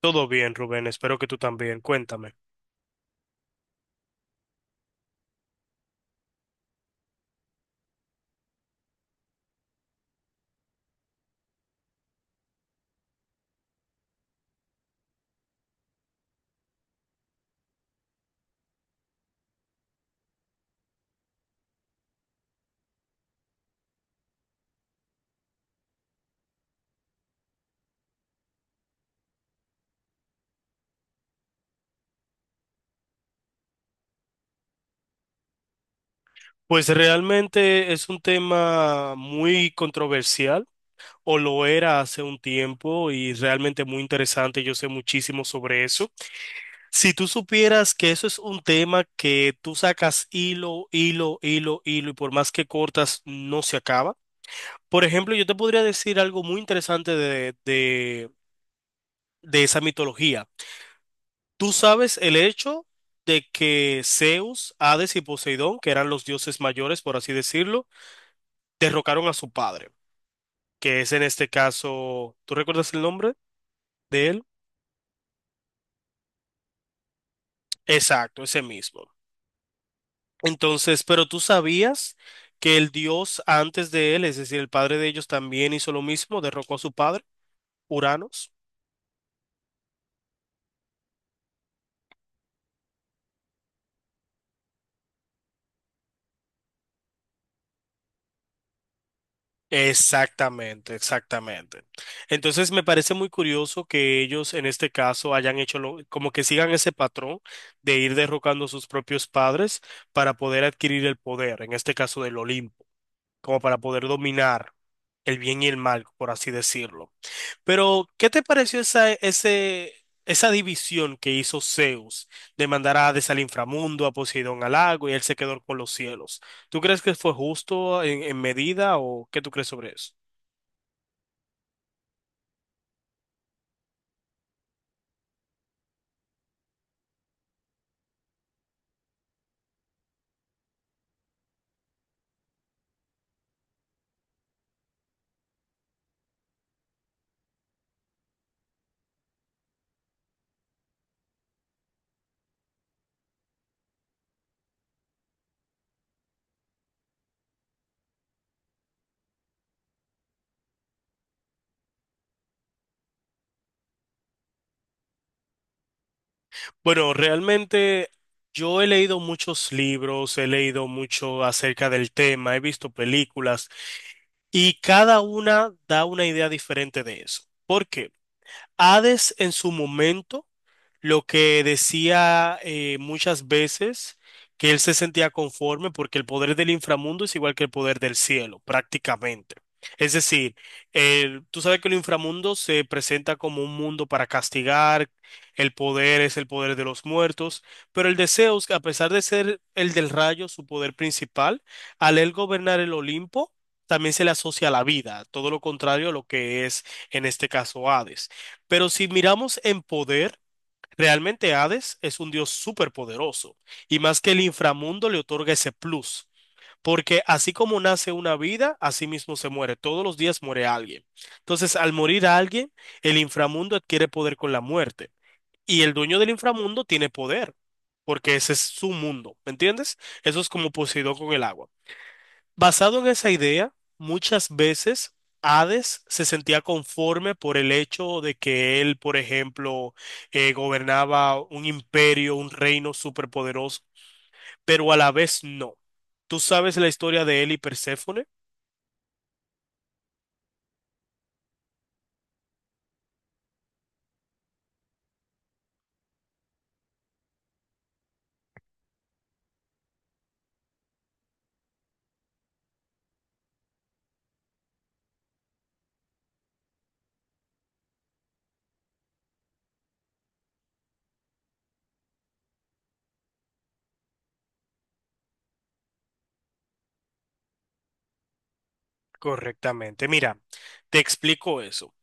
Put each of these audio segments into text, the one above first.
Todo bien, Rubén, espero que tú también. Cuéntame. Pues realmente es un tema muy controversial, o lo era hace un tiempo, y realmente muy interesante. Yo sé muchísimo sobre eso. Si tú supieras que eso es un tema que tú sacas hilo, hilo, hilo, hilo, y por más que cortas, no se acaba. Por ejemplo, yo te podría decir algo muy interesante de esa mitología. Tú sabes el hecho de que Zeus, Hades y Poseidón, que eran los dioses mayores, por así decirlo, derrocaron a su padre, que es en este caso, ¿tú recuerdas el nombre de él? Exacto, ese mismo. Entonces, pero tú sabías que el dios antes de él, es decir, el padre de ellos, también hizo lo mismo, derrocó a su padre, Uranos. Exactamente, exactamente. Entonces me parece muy curioso que ellos en este caso hayan como que sigan ese patrón de ir derrocando a sus propios padres para poder adquirir el poder, en este caso del Olimpo, como para poder dominar el bien y el mal, por así decirlo. Pero, ¿qué te pareció esa división que hizo Zeus de mandar a Hades al inframundo, a Poseidón al lago y él se quedó con los cielos? ¿Tú crees que fue justo en medida o qué tú crees sobre eso? Bueno, realmente yo he leído muchos libros, he leído mucho acerca del tema, he visto películas y cada una da una idea diferente de eso. ¿Por qué? Hades en su momento lo que decía muchas veces que él se sentía conforme porque el poder del inframundo es igual que el poder del cielo, prácticamente. Es decir, tú sabes que el inframundo se presenta como un mundo para castigar, el poder es el poder de los muertos, pero el de Zeus, a pesar de ser el del rayo su poder principal, al él gobernar el Olimpo, también se le asocia a la vida, todo lo contrario a lo que es en este caso Hades. Pero si miramos en poder, realmente Hades es un dios superpoderoso y más que el inframundo le otorga ese plus, porque así como nace una vida, así mismo se muere. Todos los días muere alguien. Entonces, al morir alguien, el inframundo adquiere poder con la muerte y el dueño del inframundo tiene poder, porque ese es su mundo, ¿me entiendes? Eso es como Poseidón con el agua. Basado en esa idea, muchas veces Hades se sentía conforme por el hecho de que él, por ejemplo, gobernaba un imperio, un reino superpoderoso, pero a la vez no. ¿Tú sabes la historia de él y Perséfone? Correctamente. Mira, te explico eso.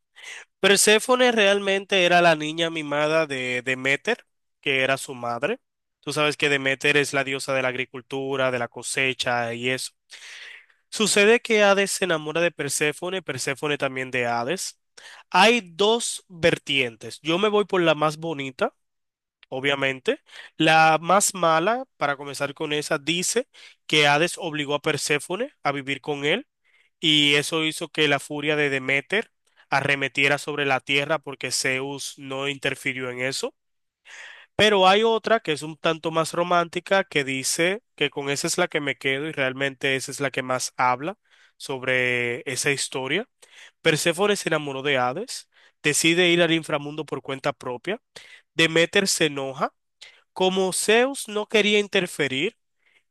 Perséfone realmente era la niña mimada de Deméter, que era su madre. Tú sabes que Deméter es la diosa de la agricultura, de la cosecha y eso. Sucede que Hades se enamora de Perséfone, Perséfone también de Hades. Hay dos vertientes. Yo me voy por la más bonita, obviamente. La más mala, para comenzar con esa, dice que Hades obligó a Perséfone a vivir con él y eso hizo que la furia de Deméter arremetiera sobre la tierra porque Zeus no interfirió en eso. Pero hay otra que es un tanto más romántica que dice que con esa es la que me quedo y realmente esa es la que más habla sobre esa historia. Perséfone se enamoró de Hades, decide ir al inframundo por cuenta propia, Deméter se enoja, como Zeus no quería interferir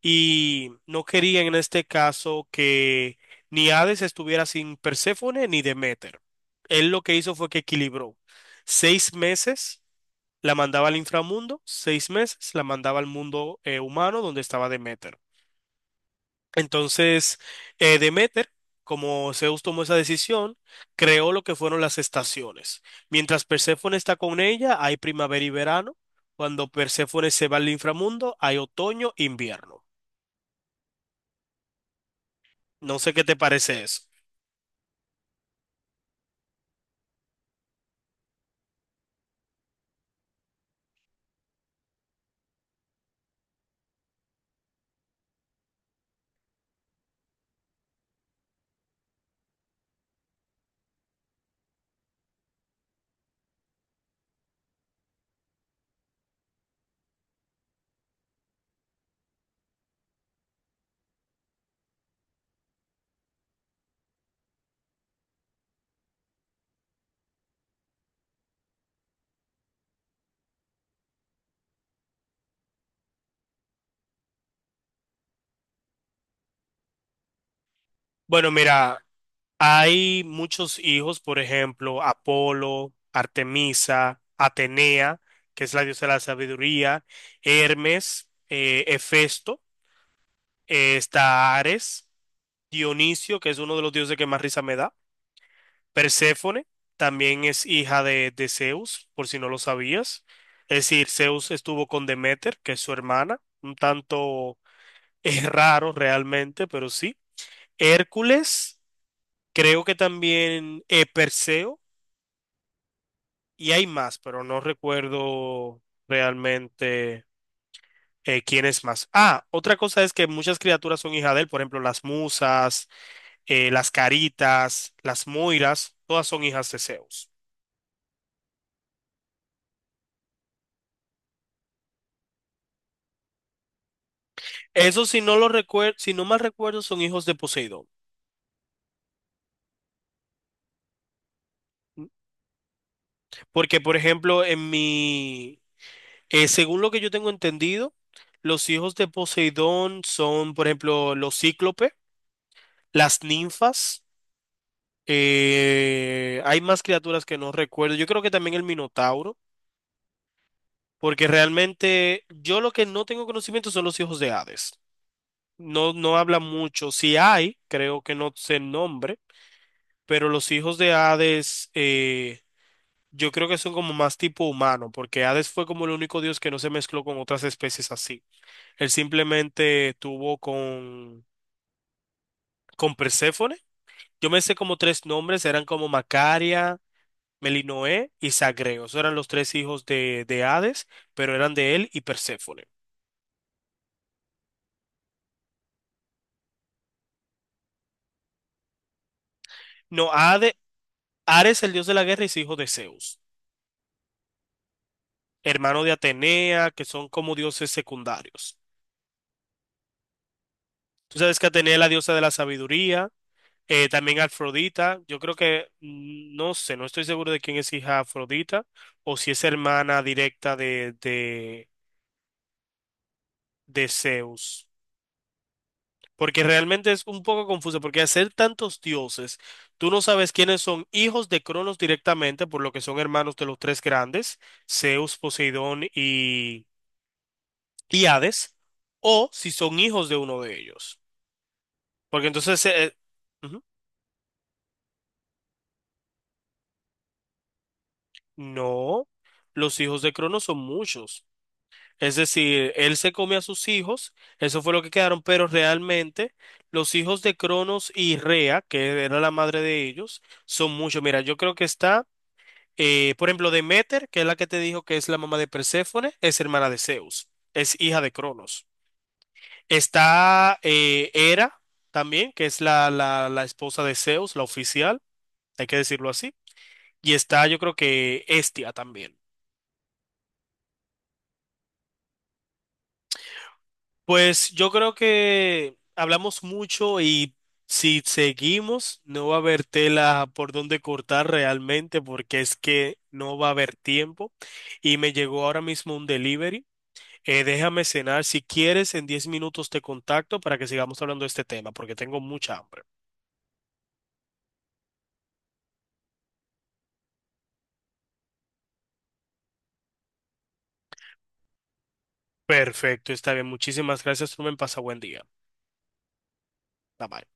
y no quería en este caso que ni Hades estuviera sin Perséfone ni Deméter. Él lo que hizo fue que equilibró seis meses la mandaba al inframundo, seis meses, la mandaba al mundo humano donde estaba Demeter. Entonces, Demeter, como Zeus tomó esa decisión, creó lo que fueron las estaciones. Mientras Perséfone está con ella, hay primavera y verano. Cuando Perséfone se va al inframundo, hay otoño e invierno. No sé qué te parece eso. Bueno, mira, hay muchos hijos, por ejemplo, Apolo, Artemisa, Atenea, que es la diosa de la sabiduría, Hermes, Hefesto, está Ares, Dionisio, que es uno de los dioses que más risa me da, Perséfone, también es hija de Zeus, por si no lo sabías. Es decir, Zeus estuvo con Deméter, que es su hermana, un tanto es raro realmente, pero sí. Hércules, creo que también Perseo. Y hay más, pero no recuerdo realmente quién es más. Ah, otra cosa es que muchas criaturas son hijas de él, por ejemplo, las musas, las caritas, las moiras, todas son hijas de Zeus. Eso si no lo recuerdo, si no mal recuerdo, son hijos de Poseidón. Porque, por ejemplo, según lo que yo tengo entendido, los hijos de Poseidón son, por ejemplo, los cíclopes, las ninfas. Hay más criaturas que no recuerdo. Yo creo que también el Minotauro, porque realmente yo lo que no tengo conocimiento son los hijos de Hades. No, no habla mucho. Si hay, creo que no sé el nombre, pero los hijos de Hades, yo creo que son como más tipo humano, porque Hades fue como el único dios que no se mezcló con otras especies así. Él simplemente tuvo con Perséfone. Yo me sé como tres nombres, eran como Macaria, Melinoé y Zagreo. Esos eran los tres hijos de Hades, pero eran de él y Perséfone. No, Hades, Ares, el dios de la guerra, es hijo de Zeus, hermano de Atenea, que son como dioses secundarios. Tú sabes que Atenea es la diosa de la sabiduría, también Afrodita. Yo creo que, no sé, no estoy seguro de quién es hija Afrodita o si es hermana directa de Zeus. Porque realmente es un poco confuso, porque al ser tantos dioses, tú no sabes quiénes son hijos de Cronos directamente, por lo que son hermanos de los tres grandes, Zeus, Poseidón y Hades, o si son hijos de uno de ellos. Porque entonces, ujú, no, los hijos de Cronos son muchos. Es decir, él se come a sus hijos, eso fue lo que quedaron, pero realmente los hijos de Cronos y Rea, que era la madre de ellos, son muchos. Mira, yo creo que está... por ejemplo, Demeter, que es la que te dijo que es la mamá de Perséfone, es hermana de Zeus, es hija de Cronos. Está Hera también, que es la esposa de Zeus, la oficial, hay que decirlo así. Y está, yo creo que Hestia también. Pues yo creo que hablamos mucho y si seguimos, no va a haber tela por donde cortar realmente, porque es que no va a haber tiempo. Y me llegó ahora mismo un delivery. Déjame cenar. Si quieres, en 10 minutos te contacto para que sigamos hablando de este tema, porque tengo mucha hambre. Perfecto, está bien. Muchísimas gracias, Rubén. Pasa buen día. Bye bye.